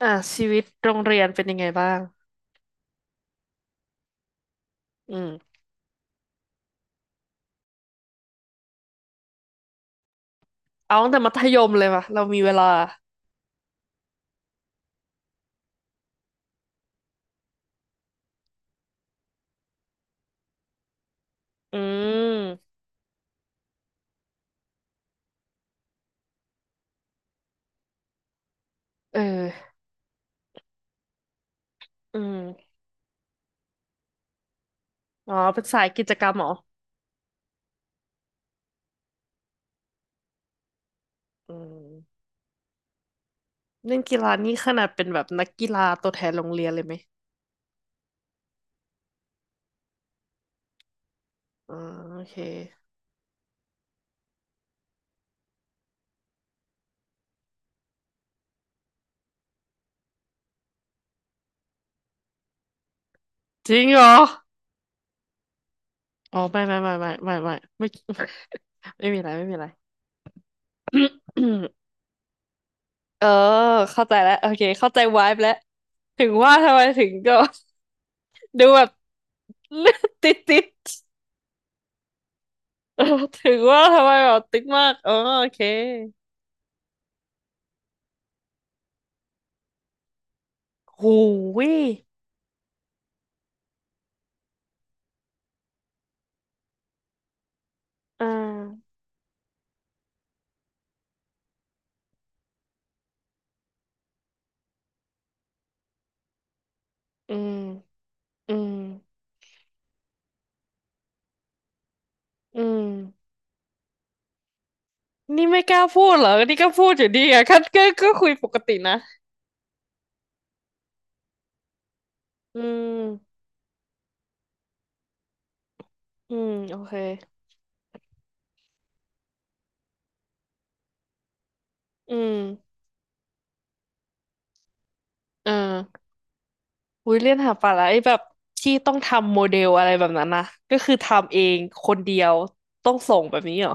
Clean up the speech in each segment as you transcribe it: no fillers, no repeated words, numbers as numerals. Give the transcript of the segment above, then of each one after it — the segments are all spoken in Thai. อ่ะชีวิตโรงเรียนเป็นยังไงบ้างอืมเอาตั้งแต่มัธยมเลยป่ะเรามีเวลาอืมเอออืมอ๋อเป็นสายกิจกรรมเหรออืมเล่นกีฬานี่ขนาดเป็นแบบนักกีฬาตัวแทนโรงเรียนเลยไหมอ๋อโอเคจริงเหรออ๋อไม่ ไม่มีอะไรไม่มีอะไร เออเข้าใจแล้วโอเคเข้าใจวายแล้วถึงว่าทำไมถึง ดูแบบ ติดเออ ถึงว่าทำไมแบบติ๊กมากอ๋อโอเค หูยอ่าอืมอืมอืมนี่ไม่กล้าพูดเหรอนี่ก็พูดอยู่ดีอะ คัดก็คุยปกตินะอืมอืมโอเคอืมเอออุ้ยเรียนหาปลาไอแบบที่ต้องทำโมเดลอะไรแบบนั้นนะก็คือทำเองคนเดียวต้องส่งแบบนี้เหรอ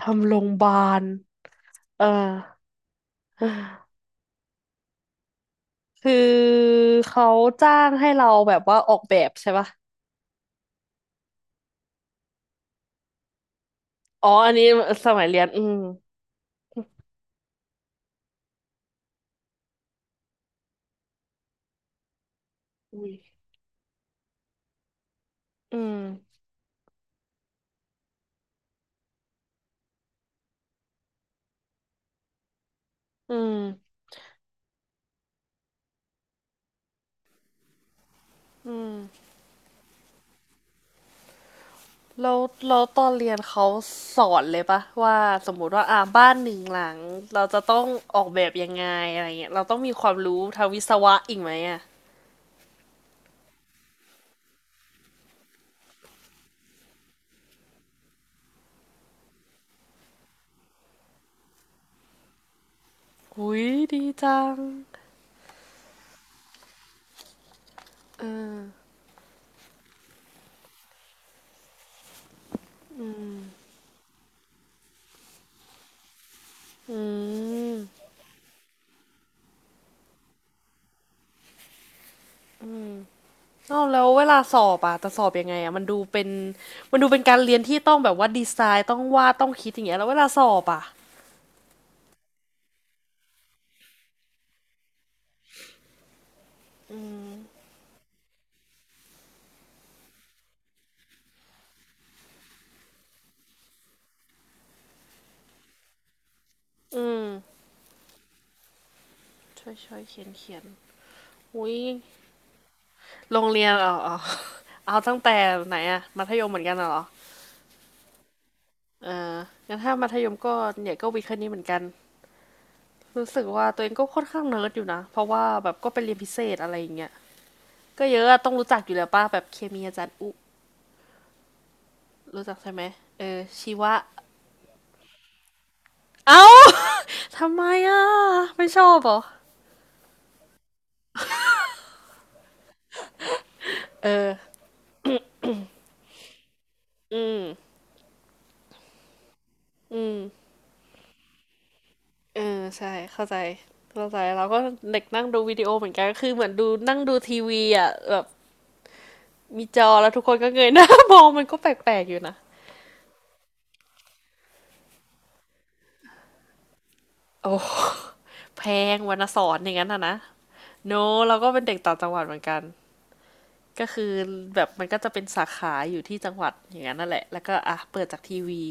ทำโรงพยาบาลเออ คือเขาจ้างให้เราแบบว่าออกแบบใช่ปะอ๋ออันนี้สมัยเรียนอืมอืม อืมอืมแล้วแล้วตอนเรียนเขาสอนเลยปะว่าสมมุติว่าบ้านหนึ่งหลังเราจะต้องออกแบบยังไงอะไรเงี้ยเราต้องมีความรู้ทางวิศวะอีกไหมอ่ะอุ้ยดีจังเอออืมอ้าวแล้วเวลาสอบอ่ะจะสอบยังไงอ่ะมันดูเป็นการเรียนที่ต้องแบบว่าดีไซน์ต้องวาดต้องคิดอย่างเงี้ยแล้วเวลาสอบอ่ะอืมช่วยช่วยเขียนอุ้ยโรงเรียนเอ๋ออ๋เอาตั้งแต่ไหนอะมัธยมเหมือนกันน่ะเหรอ เอองั้นถ้ามัธยมก็เนี่ยก็วิทย์คณิตเหมือนกันรู้สึกว่าตัวเองก็ค่อนข้างเนิร์ดอยู่นะเพราะว่าแบบก็ไปเรียนพิเศษอะไรอย่างเงี้ยก็เยอะอะต้องรู้จักอยู่แล้วป้าแบบเคมีอาจารย์อุรู้จักใช่ไหมเออชีวะเอ้า ทำไมอ่ะไม่ชอบเหรอเอออืมอืมเออใช่เข้าใจเข้าใจเราก็เด็กนั่งดูวิดีโอเหมือนกันคือเหมือนดูนั่งดูทีวีอ่ะแบบมีจอแล้วทุกคนก็เงยหน้ามองมันก็แปลกๆอยู่นะโอ้แพงวรรณสอนอย่างนั้นอ่ะนะ โนเราก็เป็นเด็กต่างจังหวัดเหมือนกัน ก็คือแบบมันก็จะเป็นสาขาอยู่ที่จังหวัดอย่างนั้นนั่นแหละแล้วก็อ่ะเปิดจากทีวี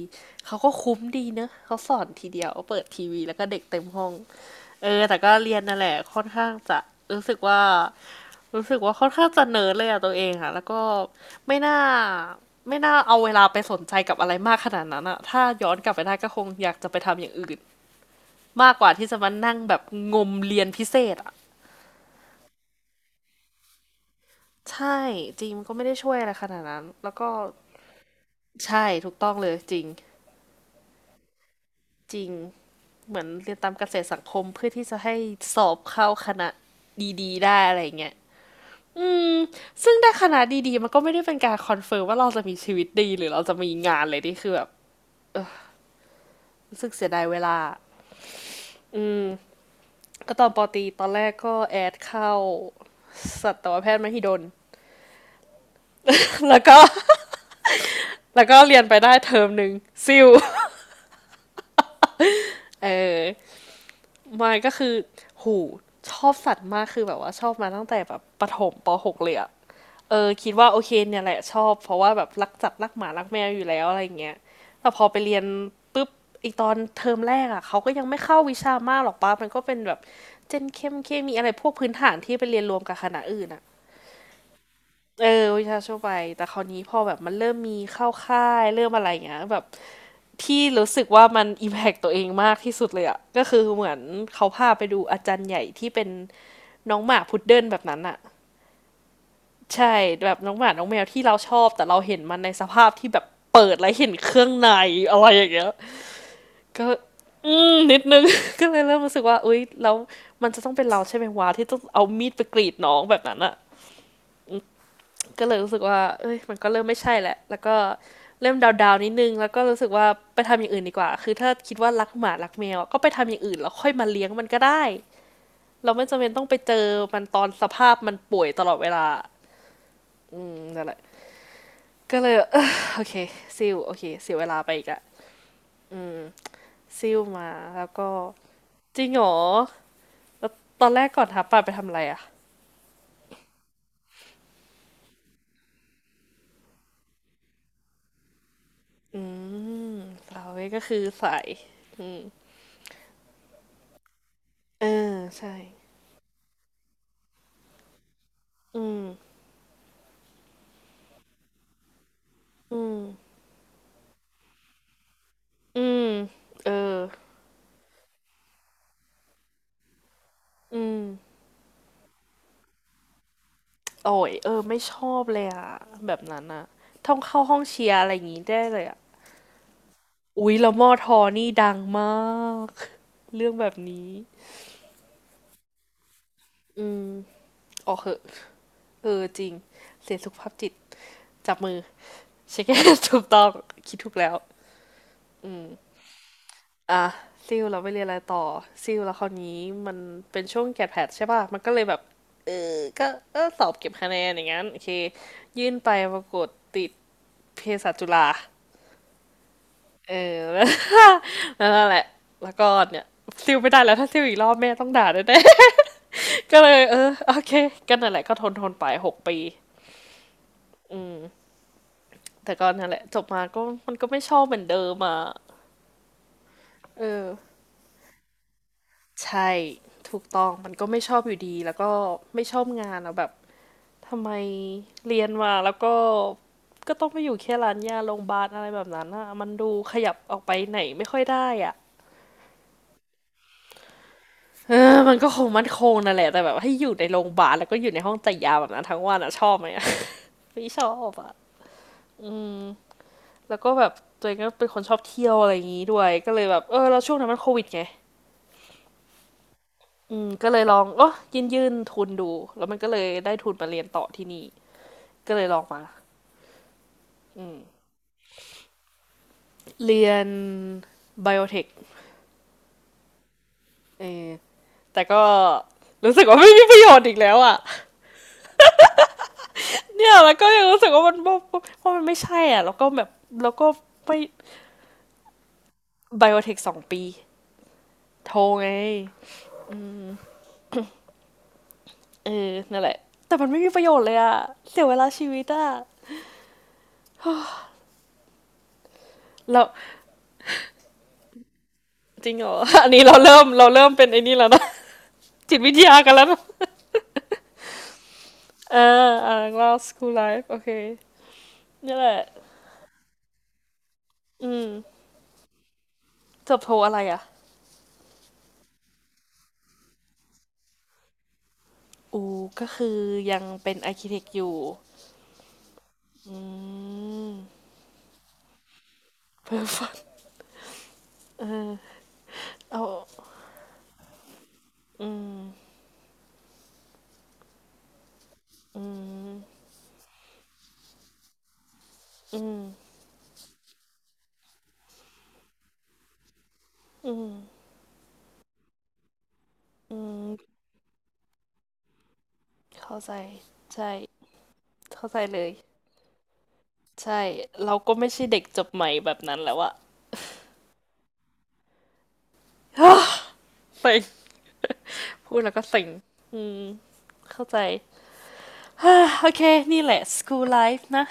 เขาก็คุ้มดีเนอะ เขาสอนทีเดียวเปิดทีวีแล้วก็เด็กเต็มห้อง เออแต่ก็เรียนนั่นแหละค่อนข้างจะรู้สึกว่ารู้สึกว่าค่อนข้างจะเนิร์ดเลยอะตัวเองอะแล้วก็ไม่น่าไม่น่าเอาเวลาไปสนใจกับอะไรมากขนาดนั้นอะถ้าย้อนกลับไปได้ก็คงอยากจะไปทำอย่างอื่นมากกว่าที่จะมานั่งแบบงมเรียนพิเศษอะ ใช่จริงมันก็ไม่ได้ช่วยอะไรขนาดนั้นแล้วก็ใช่ถูกต้องเลยจริงจริงเหมือนเรียนตามเกษตรสังคมเพื่อที่จะให้สอบเข้าคณะดีๆได้อะไรอย่างเงี้ยอืมซึ่งได้คณะดีๆมันก็ไม่ได้เป็นการคอนเฟิร์มว่าเราจะมีชีวิตดีหรือเราจะมีงานเลยที่คือแบบรู้สึกเสียดายเวลาอืมก็ตอนปอตรีตอนแรกก็แอดเข้าสัตวแพทย์มหิดลแล้วก็แล้วก็เรียนไปได้เทอมหนึ่งซิวเออ ไมาก็คือ หู ชอบสัตว์มากคือแบบว่าชอบมาตั้งแต่แบบประถมป .6 เลยอะเออคิดว่าโอเคเนี่ยแหละชอบ เพราะว่าแบบรักจัดรักหมารักแมวอยู่แล้วอะไรเงี้ยแต่พอไปเรียนปุ๊บอีกตอนเทอมแรกอะเขาก็ยังไม่เข้าวิชามากหรอกป้ามันก็เป็นแบบเจนเข้มเคมีอะไรพวกพื้นฐานที่ไปเรียนรวมกับคณะอื่นอะเออวิชาชั่วไป แต่คราวนี้พอแบบมันเริ่มมีเข้าค่ายเริ่มอะไรอย่างเงี้ยแบบพี่รู้สึกว่ามันอิมแพกตัวเองมากที่สุดเลยอะก็คือเหมือนเขาพาไปดูอาจารย์ใหญ่ที่เป็น น้องหมาพุดเดิ้ลแบบนั้นอะใช่แบบน้องหมาน้องแมวที่เราชอบแต่เราเห็นมันในสภาพที่แบบเปิดแล้วเห็นเครื่องในอะไรอย่างเงี้ยก็อืมนิดนึง ก็เลยเริ่มรู้สึกว่าอุ้ยแล้วมันจะต้องเป็นเราใช่ไหมวะที่ต้องเอามีดไปกรีดน้องแบบนั้นอะก็เลยรู้สึกว่าเอ้ยมันก็เริ่มไม่ใช่แหละแล้วก็เริ่มดาวๆนิดนึงแล้วก็รู้สึกว่าไปทำอย่างอื่นดีกว่าคือถ้าคิดว่ารักหมารักแมวก็ไปทำอย่างอื่นแล้วค่อยมาเลี้ยงมันก็ได้เราไม่จำเป็นต้องไปเจอมันตอนสภาพมันป่วยตลอดเวลาอืมนั่นแหละ ก็เลยเออ โอเคซิลโอเคเสียเวลาไปอีกอะซิลมาแล้วก็จริงเหรอแล้วตอนแรกก่อนทับปลาไปทำอะไรอะอืมฟลาเวก็คือใสเออใช่อืมอืมอืมเอออืมโอ้ยเออไม่ชอบเลยอะแบบนั้นอะต้องเข้าห้องเชียร์อะไรอย่างงี้ได้เลยอะอุ๊ยแล้วมอทอนี่ดังมากเรื่องแบบนี้อืมออกเหอะเออจริงเสียสุขภาพจิตจับมือ เช็คเก้น ถูกต้องคิดถูกแล้วอืมอ่ะซิลเราไปเรียนอะไรต่อซิลแล้วคราวนี้มันเป็นช่วงแกดแพดใช่ป่ะมันก็เลยแบบเออก็เออสอบเก็บคะแนนอย่างงั้นโอเคยื่นไปปรากฏติดเภสัชจุฬาเออ แล้วนั่นแหละแล้วก็เนี่ยซิลไม่ได้แล้วถ้าซิลอีกรอบแม่ต้องด่าแน่ๆ ก็เลยเออโอเคก็นั่นแหละก็ทนไป6 ปีแต่ก็นั่นแหละจบมาก็มันก็ไม่ชอบเหมือนเดิมอ่ะเออ ใช่ถูกต้องมันก็ไม่ชอบอยู่ดีแล้วก็ไม่ชอบงานอะแบบทำไมเรียนมาแล้วก็ก็ต้องไปอยู่แค่ร้านยาโรงพยาบาลอะไรแบบนั้นอะมันดูขยับออกไปไหนไม่ค่อยได้อะ เออมันก็คงมั่นคงนั่นแหละแต่แบบให้อยู่ในโรงพยาบาลแล้วก็อยู่ในห้องจ่ายยาแบบนั้นทั้งวันอะชอบไหมอะ ไม่ชอบอะแล้วก็แบบตัวเองก็เป็นคนชอบเที่ยวอะไรอย่างงี้ด้วยก็เลยแบบเออแล้วช่วงนั้นมันโควิดไงอืมก็เลยลองเออยื่นทุนดูแล้วมันก็เลยได้ทุนมาเรียนต่อที่นี่ก็เลยลองมา เรียนไบโอเทคเออแต่ก็รู้สึกว่าไม่มีประโยชน์อีกแล้วอ่ะเนี่ยแล้วก็ยังรู้สึกว่ามันว่าะมันไม่ใช่อ่ะแล้วก็แบบแล้วก็ไม่ไบโอเทค 2 ปีโทรไงเออนั่นแหละ แต่มันไม่มีประโยชน์เลยอ่ะเสียเวลาชีวิตอ่ะเราจริงเหรอ อันนี้เราเริ่มเป็นไอ้นี่แล้วนะจิตวิทยากันแล้วนะเอออ่าเราสคูลไลฟ์โอเคนี่แหละอืมจบโทอะไรอ่ะอูก็คือยังเป็นอาร์เคเทคอยู่ อืมเอาอืมอืมอืมอืมอืมเข้าใจ ใช่ เข้าใจเลย ใช่ เราก็ไม่ใช่เด็กจบใหม่แบบนั้นแล้วอะ เซ็งพูดแล้วก็เซ็งอืมเข้าใจ โอเค นี่แหละ school life นะ